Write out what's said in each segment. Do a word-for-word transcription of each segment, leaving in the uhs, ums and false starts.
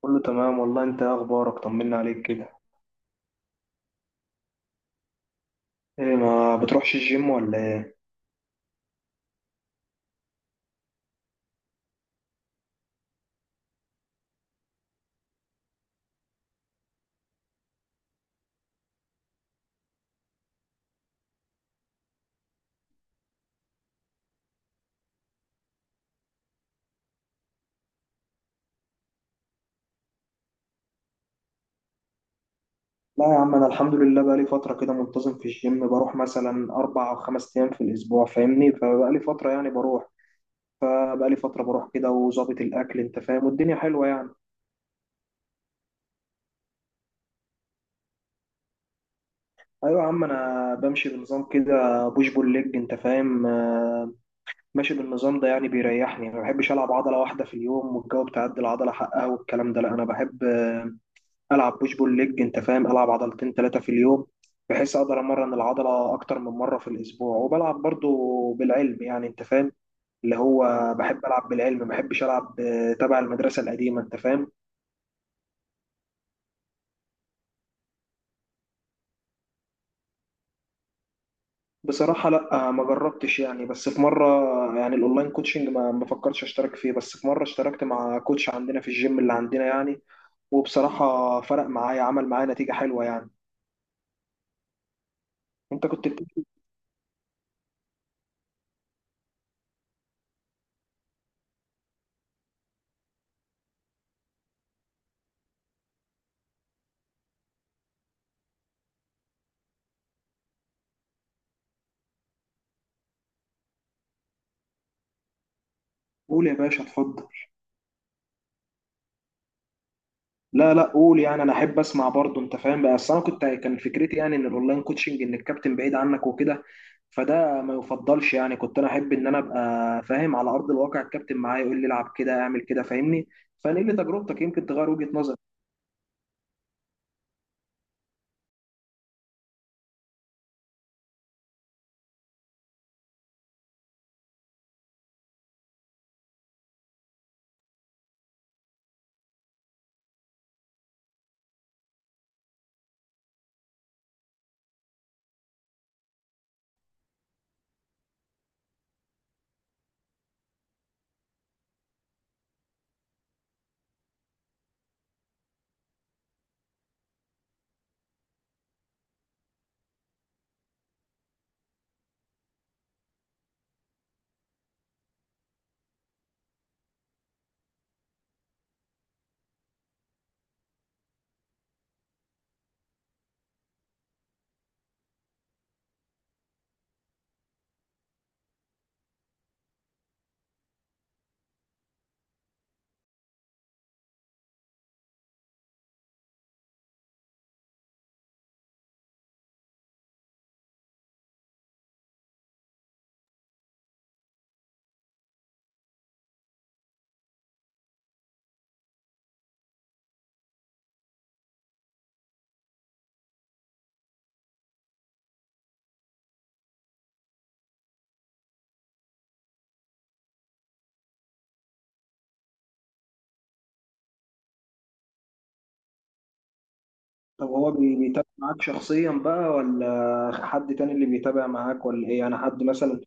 كله تمام والله. انت ايه اخبارك؟ طمنا عليك كده. ايه، ما بتروحش الجيم ولا ايه؟ لا يا عم، انا الحمد لله بقالي فتره كده منتظم في الجيم، بروح مثلا اربع او خمس ايام في الاسبوع، فاهمني، فبقالي فتره يعني بروح. فبقالي فتره بروح كده، وظابط الاكل انت فاهم، والدنيا حلوه يعني. ايوه يا عم، انا بمشي بنظام كده، بوش بول ليج، انت فاهم، آه، ماشي بالنظام ده. يعني بيريحني، ما بحبش العب عضله واحده في اليوم والجو بتاع العضله حقها والكلام ده. لا انا بحب العب بوش بول ليج، انت فاهم، العب عضلتين ثلاثه في اليوم، بحيث اقدر امرن العضله اكتر من مره في الاسبوع، وبلعب برضو بالعلم يعني، انت فاهم، اللي هو بحب العب بالعلم، ما بحبش العب آه، تبع المدرسه القديمه، انت فاهم. بصراحه لا، آه، ما جربتش يعني، بس في مره. يعني الاونلاين كوتشنج ما ما فكرتش اشترك فيه، بس في مره اشتركت مع كوتش عندنا في الجيم اللي عندنا يعني، وبصراحه فرق معايا، عمل معايا نتيجه حلوه يعني. انت كنت بتقول إيه يا باشا؟ اتفضل. لا لا، قول يعني، انا احب اسمع برضه، انت فاهم بقى، اصل انا كنت، كان فكرتي يعني ان الاونلاين كوتشنج ان الكابتن بعيد عنك وكده، فده ما يفضلش يعني. كنت انا احب ان انا ابقى فاهم على ارض الواقع، الكابتن معايا يقول لي العب كده اعمل كده، فاهمني، فنقل لي تجربتك يمكن تغير وجهة نظرك. طب هو بي- بيتابع معاك شخصيا بقى، ولا حد تاني اللي بيتابع معاك، ولا ايه يعني، حد مثلا؟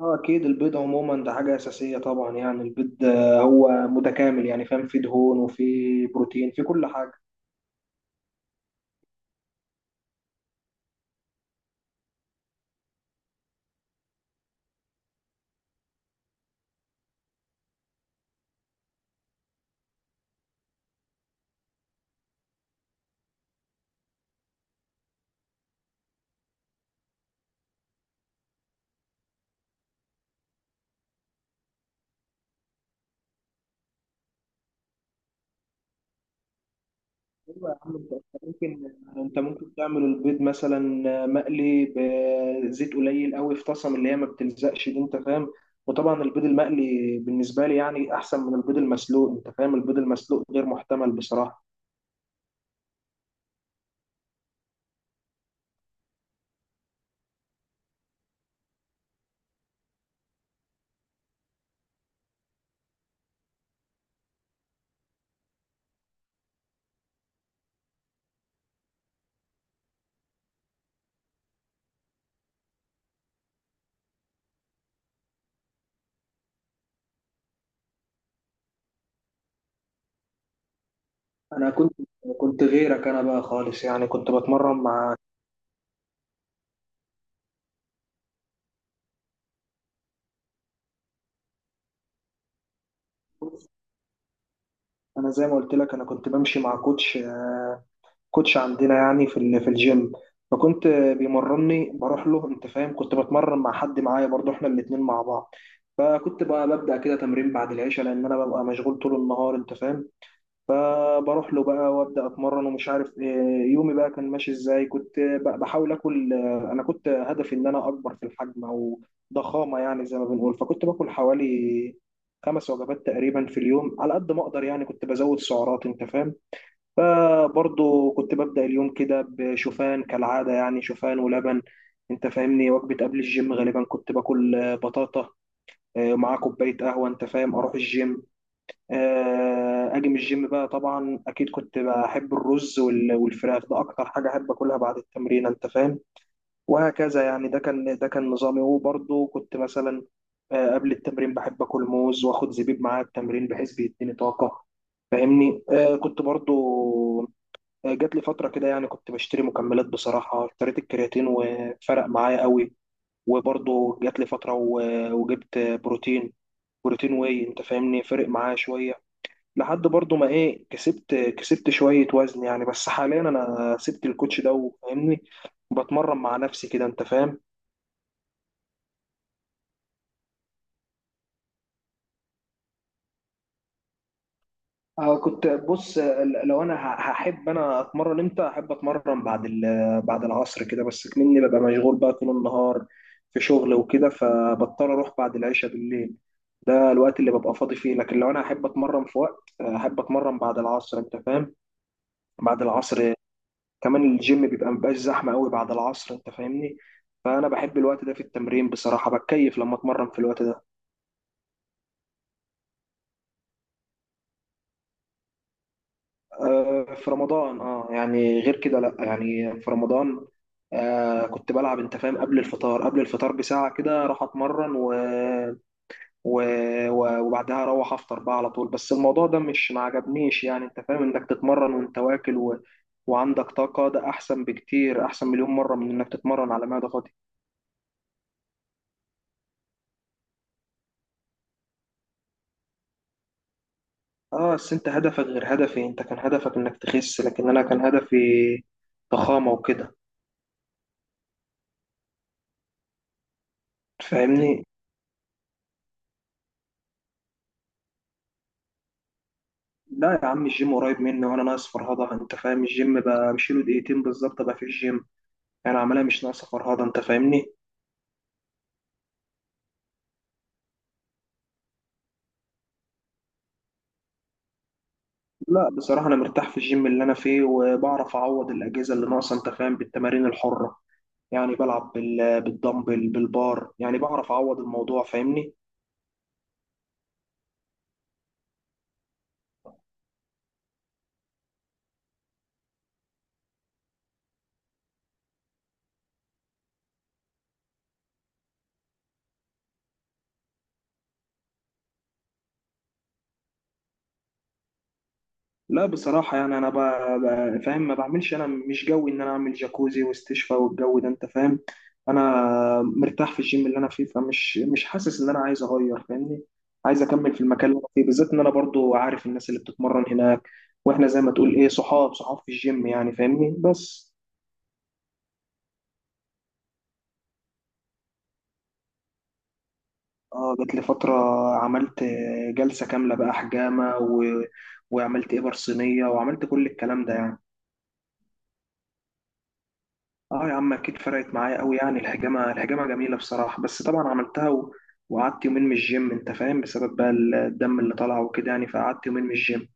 اه اكيد، البيض عموما ده حاجه اساسيه طبعا يعني. البيض آه، هو متكامل يعني، فاهم، فيه دهون وفيه بروتين، في كل حاجه. ايوه يا عم، انت أنت ممكن، انت ممكن تعمل البيض مثلا مقلي بزيت قليل قوي في طاسه من اللي هي ما بتلزقش دي، انت فاهم. وطبعا البيض المقلي بالنسبه لي يعني احسن من البيض المسلوق، انت فاهم، البيض المسلوق غير محتمل بصراحه. انا كنت كنت غيرك انا بقى خالص يعني، كنت بتمرن مع... انا زي ما قلت لك، انا كنت بمشي مع كوتش، آه، كوتش عندنا يعني في ال- في الجيم، فكنت بيمرني، بروح له، انت فاهم. كنت بتمرن مع حد معايا برضه، احنا الاتنين مع بعض. فكنت بقى ببدأ كده تمرين بعد العشاء، لأن أنا ببقى مشغول طول النهار، أنت فاهم. فبروح له بقى وأبدأ أتمرن، ومش عارف إيه، يومي بقى كان ماشي إزاي. كنت ب- بحاول آكل. آه، أنا كنت هدفي إن أنا أكبر في الحجم، أو ضخامة يعني زي ما بنقول. فكنت باكل حوالي خمس وجبات تقريبا في اليوم، على قد ما أقدر يعني. كنت بزود سعرات، أنت فاهم. فبرضه كنت ببدأ اليوم كده بشوفان كالعادة، يعني شوفان ولبن، انت فاهمني. وجبة قبل الجيم غالبا كنت باكل آه، بطاطا، آه، مع كوباية قهوة، انت فاهم، اروح الجيم. آه، اجي من الجيم بقى، طبعا اكيد كنت بحب الرز وال- والفراخ، ده اكتر حاجة احب اكلها بعد التمرين، انت فاهم. وهكذا يعني، ده كان ده كان نظامي. وبرضه كنت مثلا آه، قبل التمرين بحب اكل موز، واخد زبيب معايا التمرين بحيث بيديني طاقه، فاهمني. آه، كنت برضه آه، جات لي فتره كده، يعني كنت بشتري مكملات. بصراحه اشتريت الكرياتين وفرق معايا قوي. وبرضه جات لي فتره و- وجبت بروتين، بروتين واي، انت فاهمني، فرق معايا شويه، لحد برضه ما ايه، كسبت كسبت شويه وزن يعني. بس حاليا انا سبت الكوتش ده، وفاهمني بتمرن مع نفسي كده، انت فاهم. آه، كنت بص ل- لو انا ه- هحب انا اتمرن امتى، احب اتمرن بعد ال- بعد العصر كده. بس مني ببقى مشغول بقى طول النهار في شغل وكده، فبضطر اروح بعد العشاء بالليل، ده الوقت اللي ببقى فاضي فيه. لكن لو انا احب اتمرن في وقت، آه، احب اتمرن بعد العصر، انت فاهم، بعد العصر. كمان الجيم بيبقى مبقاش زحمه قوي بعد العصر، انت فاهمني، فانا بحب الوقت ده في التمرين بصراحه، بتكيف لما اتمرن في الوقت ده. آه، في رمضان اه، يعني غير كده لا، يعني في رمضان آه كنت بلعب، انت فاهم، قبل الفطار، قبل الفطار بساعة كده راح اتمرن و... و... و- وبعدها اروح افطر بقى على طول. بس الموضوع ده مش، ما عجبنيش يعني، انت فاهم انك تتمرن وانت واكل و... وعندك طاقة، ده احسن بكتير، احسن مليون مرة من انك تتمرن على معدة فاضية. اه بس انت هدفك غير هدفي، انت كان هدفك انك تخس، لكن انا كان هدفي ضخامة وكده، فاهمني. لا يا عم، الجيم قريب مني، وانا ناقص فرهضه، انت فاهم، الجيم بمشيله دقيقتين بالظبط ابقى في الجيم، انا عملها مش ناقصه فرهضه، انت فاهمني. لا بصراحه انا مرتاح في الجيم اللي انا فيه، وبعرف اعوض الاجهزه اللي ناقصه، انت فاهم، بالتمارين الحره يعني. بلعب بال- بالدمبل بالبار، يعني بعرف اعوض الموضوع، فاهمني. لا بصراحة يعني أنا ب... ب- فاهم، ما بعملش. أنا مش جوي إن أنا أعمل جاكوزي واستشفاء والجو ده، أنت فاهم. أنا مرتاح في الجيم اللي أنا فيه، فمش مش حاسس إن أنا عايز أغير، فاهمني. عايز أكمل في المكان اللي أنا فيه، بالذات إن أنا برضو عارف الناس اللي بتتمرن هناك، وإحنا زي ما تقول إيه، صحاب صحاب في الجيم يعني، فاهمني بس. آه، جات لي فترة عملت جلسة كاملة بقى حجامة، و... وعملت إبر صينية، وعملت كل الكلام ده يعني. اه يا عم اكيد، فرقت معايا قوي يعني. الحجامه، الحجامه جميله بصراحه. بس طبعا عملتها و... وقعدت يومين من الجيم، انت فاهم، بسبب بقى الدم اللي طلع وكده يعني، فقعدت يومين من الجيم.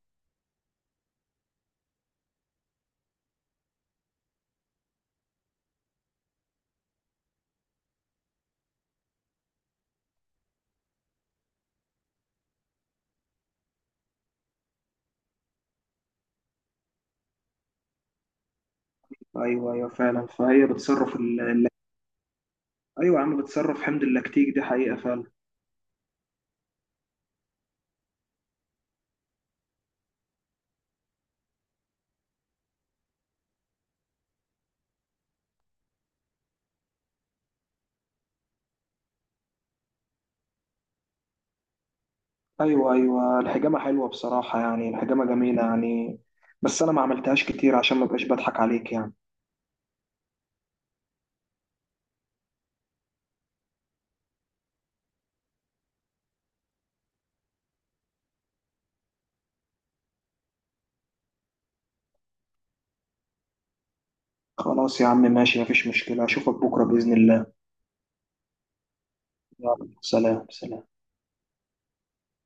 ايوه، ايوه فعلا، فهي بتصرف ال... ال- ايوه يا عم، بتصرف حمض اللاكتيك، دي حقيقه فعلا. ايوه ايوه، الحجامه حلوه بصراحه يعني، الحجامه جميله يعني. بس انا ما عملتهاش كتير عشان ما بقاش بضحك عليك يعني. خلاص يا عم، ماشي، مفيش مشكله، اشوفك بكره باذن الله. يلا، سلام سلام.